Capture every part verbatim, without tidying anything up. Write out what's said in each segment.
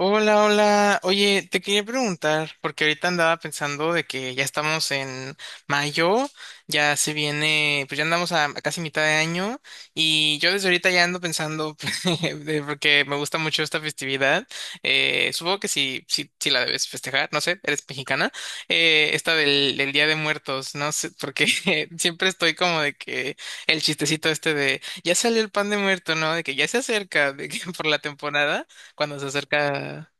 Hola, hola. Oye, te quería preguntar, porque ahorita andaba pensando de que ya estamos en mayo, ya se viene, pues ya andamos a, a casi mitad de año, y yo desde ahorita ya ando pensando, de- porque me gusta mucho esta festividad, eh, supongo que sí, sí, sí la debes festejar, no sé, eres mexicana, eh, esta del, del Día de Muertos, no sé, porque siempre estoy como de que el chistecito este de, ya salió el pan de muerto, ¿no? De que ya se acerca, de que por la temporada cuando se acerca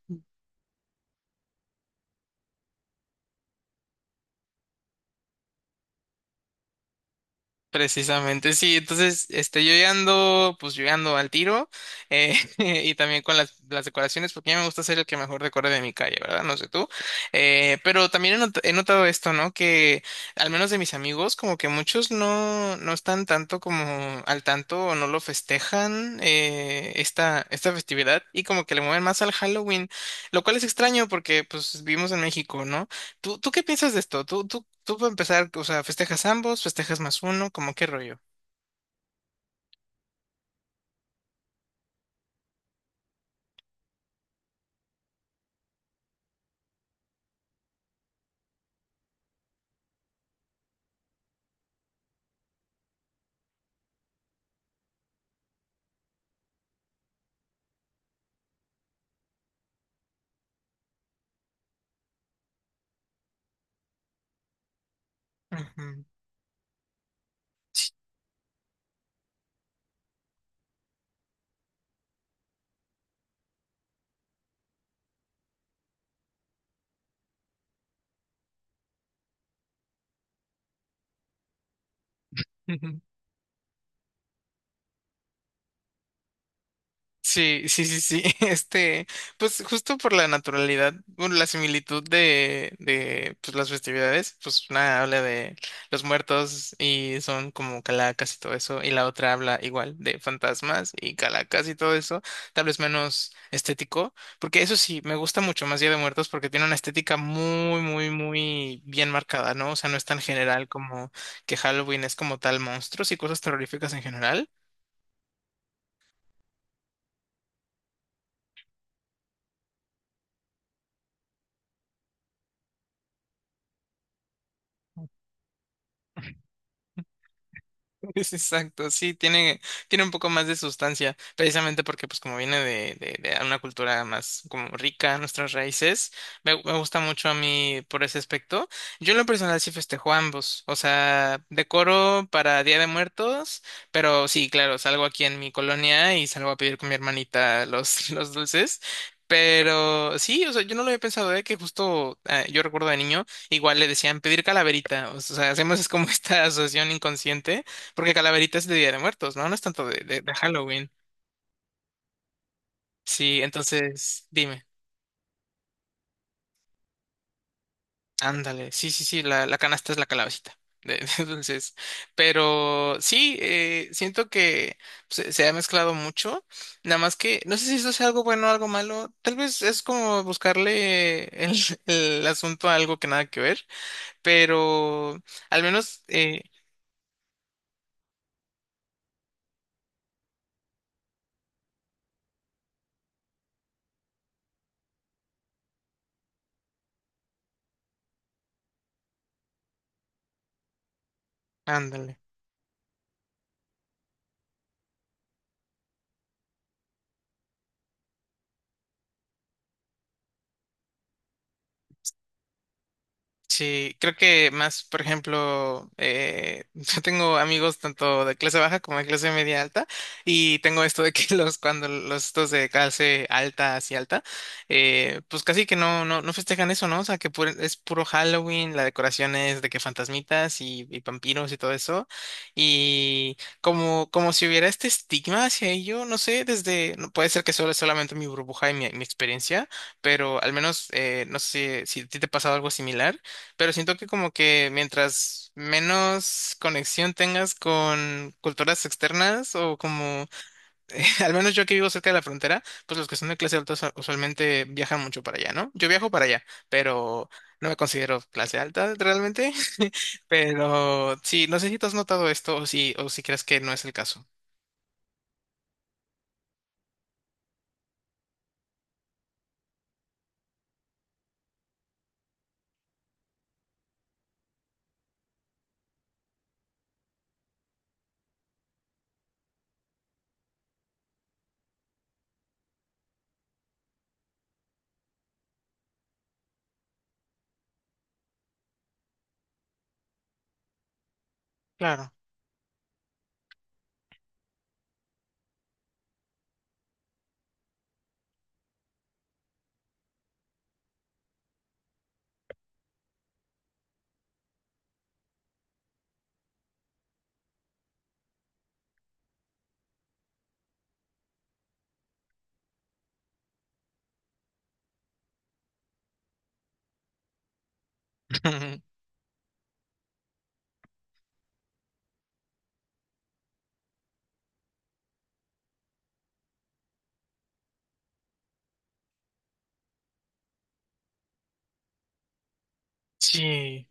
precisamente. Sí, entonces, este, yo ya ando, pues yo ya ando al tiro eh, y también con las, las decoraciones, porque a mí me gusta ser el que mejor decore de mi calle, ¿verdad? No sé tú. Eh, pero también he, not- he notado esto, ¿no? Que al menos de mis amigos, como que muchos no, no están tanto como al tanto o no lo festejan eh, esta, esta festividad y como que le mueven más al Halloween, lo cual es extraño porque pues vivimos en México, ¿no? ¿Tú, tú qué piensas de esto? ¿Tú, tú, tú para empezar, o sea, festejas ambos, festejas más uno, como qué rollo? Ujú. Sí, sí, sí, sí. Este, pues justo por la naturalidad, bueno, la similitud de, de pues, las festividades, pues una habla de los muertos y son como calacas y todo eso, y la otra habla igual de fantasmas y calacas y todo eso, tal vez menos estético, porque eso sí, me gusta mucho más Día de Muertos porque tiene una estética muy, muy, muy bien marcada, ¿no? O sea, no es tan general como que Halloween es como tal monstruos y cosas terroríficas en general. Es Exacto, sí, tiene, tiene un poco más de sustancia, precisamente porque pues como viene de, de, de una cultura más como rica, nuestras raíces, me, me gusta mucho a mí por ese aspecto. Yo en lo personal sí festejo ambos, o sea, decoro para Día de Muertos, pero sí, claro, salgo aquí en mi colonia y salgo a pedir con mi hermanita los, los dulces. Pero sí, o sea, yo no lo había pensado, ¿eh? Que justo ah, yo recuerdo de niño, igual le decían pedir calaverita, o sea, hacemos es como esta asociación inconsciente porque Calaverita es de Día de Muertos, ¿no? No es tanto de, de- de Halloween. Sí, entonces, dime. Ándale. Sí, sí, sí, la, la canasta es la calabacita. De- Entonces, pero sí, eh, siento que se, se ha mezclado mucho. Nada más que, no sé si eso sea algo bueno o algo malo. Tal vez es como buscarle el, el asunto a algo que nada que ver, pero al menos, eh, ándale. Sí, creo que más, por ejemplo, eh, yo tengo amigos tanto de clase baja como de clase media alta y tengo esto de que los cuando los estos de clase alta hacia alta, eh, pues casi que no, no, no festejan eso, ¿no? O sea, que pu- es puro Halloween, la decoración es de que fantasmitas y, y vampiros y todo eso y como, como si hubiera este estigma hacia ello, no sé, desde, no puede ser que solo solamente mi burbuja y mi, mi experiencia, pero al menos eh, no sé si a ti te ha pasado algo similar pero siento que como que mientras menos conexión tengas con culturas externas o como, al menos yo que vivo cerca de la frontera, pues los que son de clase alta usa- usualmente viajan mucho para allá, ¿no? Yo viajo para allá, pero no me considero clase alta realmente. Pero sí, no sé si tú has notado esto o si, o si crees que no es el caso. Claro. Sí.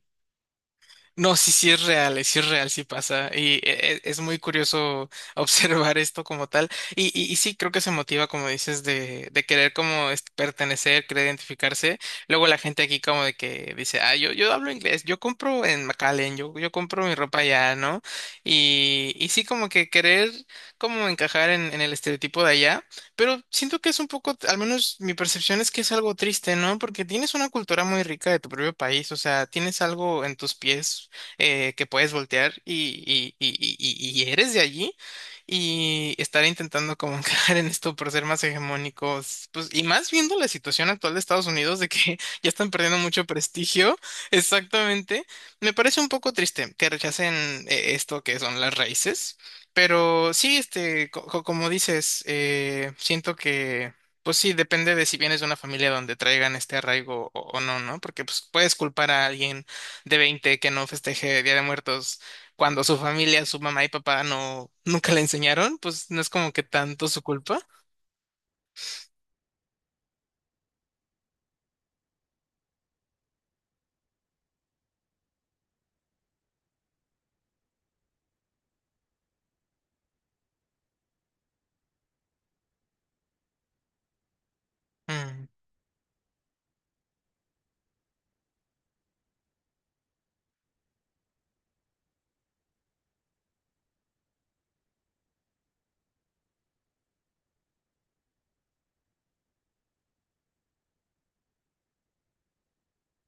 No, sí, sí es real, eh, sí es real, sí pasa. Y e- e- es muy curioso observar esto como tal. Y, y, y sí, creo que se motiva, como dices, de, de querer como es- pertenecer, querer identificarse. Luego la gente aquí como de que dice, ah, yo, yo hablo inglés, yo compro en McAllen, yo, yo compro mi ropa allá, ¿no? Y, y sí, como que querer como encajar en, en el estereotipo de allá. Pero siento que es un poco, al menos mi percepción es que es algo triste, ¿no? Porque tienes una cultura muy rica de tu propio país, o sea, tienes algo en tus pies eh, que puedes voltear y, y, y, y, y- y eres de allí y estar intentando como caer en esto por ser más hegemónicos, pues y más viendo la situación actual de Estados Unidos de que ya están perdiendo mucho prestigio, exactamente, me parece un poco triste que rechacen eh, esto que son las raíces, pero sí, este, co- co- como dices, eh, siento que... Pues sí, depende de si vienes de una familia donde traigan este arraigo o, o no, ¿no? Porque pues puedes culpar a alguien de veinte que no festeje Día de Muertos cuando su familia, su mamá y papá no nunca le enseñaron, pues no es como que tanto su culpa. Mm,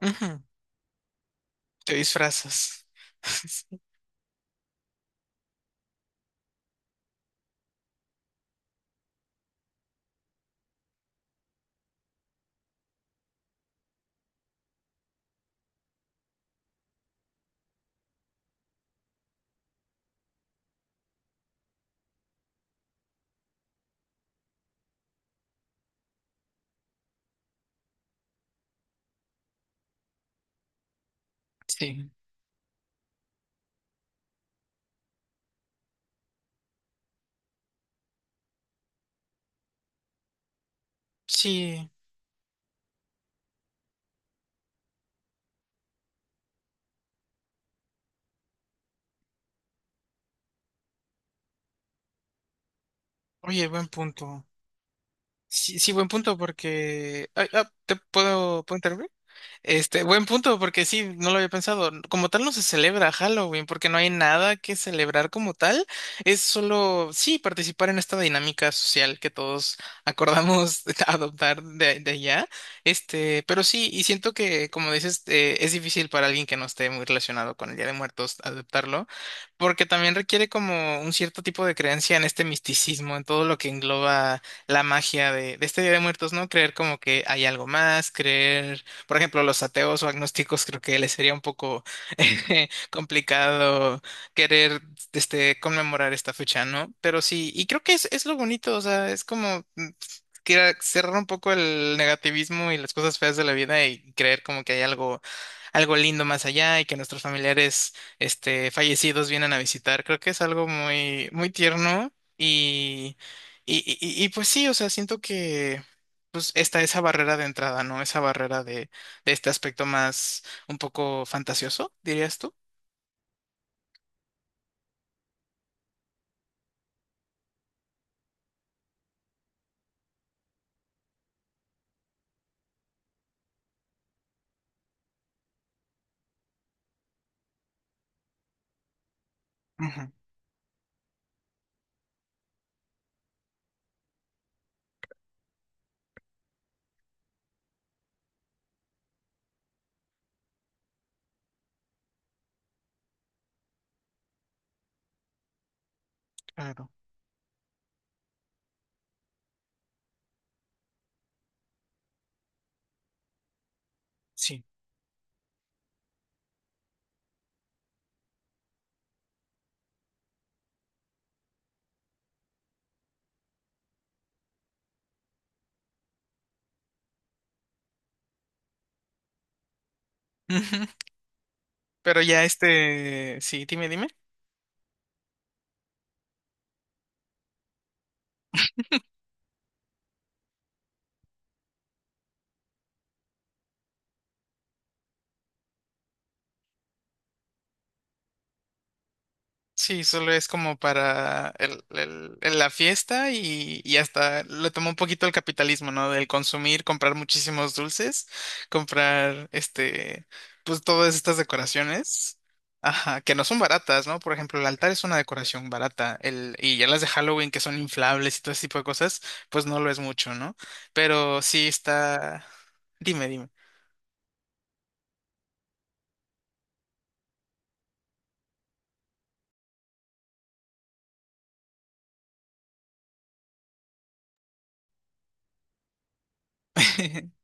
ujú, Te disfrazas. Sí, sí. Oye, buen punto. Sí, sí, buen punto porque... Ay, ah, ¿te puedo, puedo interrumpir? Este, buen punto, porque sí, no lo había pensado. Como tal no se celebra Halloween, porque no hay nada que celebrar como tal. Es solo, sí, participar en esta dinámica social que todos acordamos adoptar de, de allá. Este, pero sí, y siento que, como dices, eh, es difícil para alguien que no esté muy relacionado con el Día de Muertos adoptarlo, porque también requiere como un cierto tipo de creencia en este misticismo, en todo lo que engloba la magia de, de este Día de Muertos, ¿no? Creer como que hay algo más, creer por ejemplo, los ateos o agnósticos, creo que les sería un poco eh, complicado querer este, conmemorar esta fecha, ¿no? Pero sí, y creo que es, es lo bonito, o sea, es como mm, quiera- cerrar un poco el negativismo y las cosas feas de la vida y creer como que hay algo, algo lindo más allá y que nuestros familiares este, fallecidos vienen a visitar. Creo que es algo muy, muy tierno y, y, y, y, pues sí, o sea, siento que pues está esa barrera de entrada, ¿no? Esa barrera de de este aspecto más un poco fantasioso, dirías tú. Ujú, claro, sí. Ujú, pero ya este, sí, dime, dime. Sí, solo es como para el- el- el- la fiesta y, y hasta le tomó un poquito el capitalismo, ¿no? Del consumir, comprar muchísimos dulces, comprar este, pues todas estas decoraciones, ajá, que no son baratas, ¿no? Por ejemplo, el altar es una decoración barata, el, y ya las de Halloween que son inflables y todo ese tipo de cosas, pues no lo es mucho, ¿no? Pero sí está, dime, dime.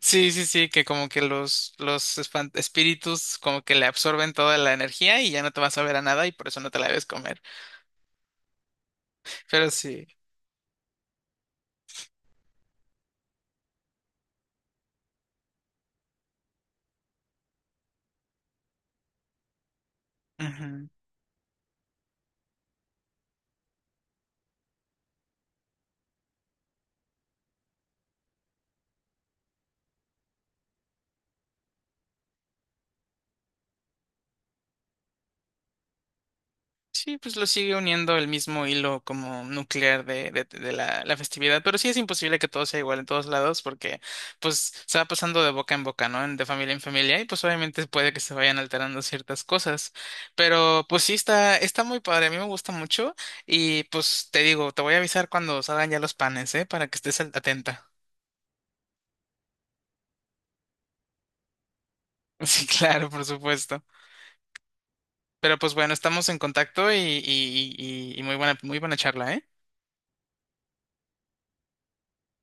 Sí, sí, sí, que como que los, los espan- espíritus como que le absorben toda la energía y ya no te vas a ver a nada y por eso no te la debes comer. Pero sí. Sí, pues lo sigue uniendo el mismo hilo como nuclear de, de- de la, la festividad, pero sí es imposible que todo sea igual en todos lados porque pues se va pasando de boca en boca, ¿no? En- De familia en familia y pues obviamente puede que se vayan alterando ciertas cosas, pero pues sí está, está muy padre, a mí me gusta mucho y pues te digo, te voy a avisar cuando salgan ya los panes, ¿eh? Para que estés al- atenta. Sí, claro, por supuesto. Pero pues bueno, estamos en contacto y, y, y, y y muy buena, muy buena charla, ¿eh?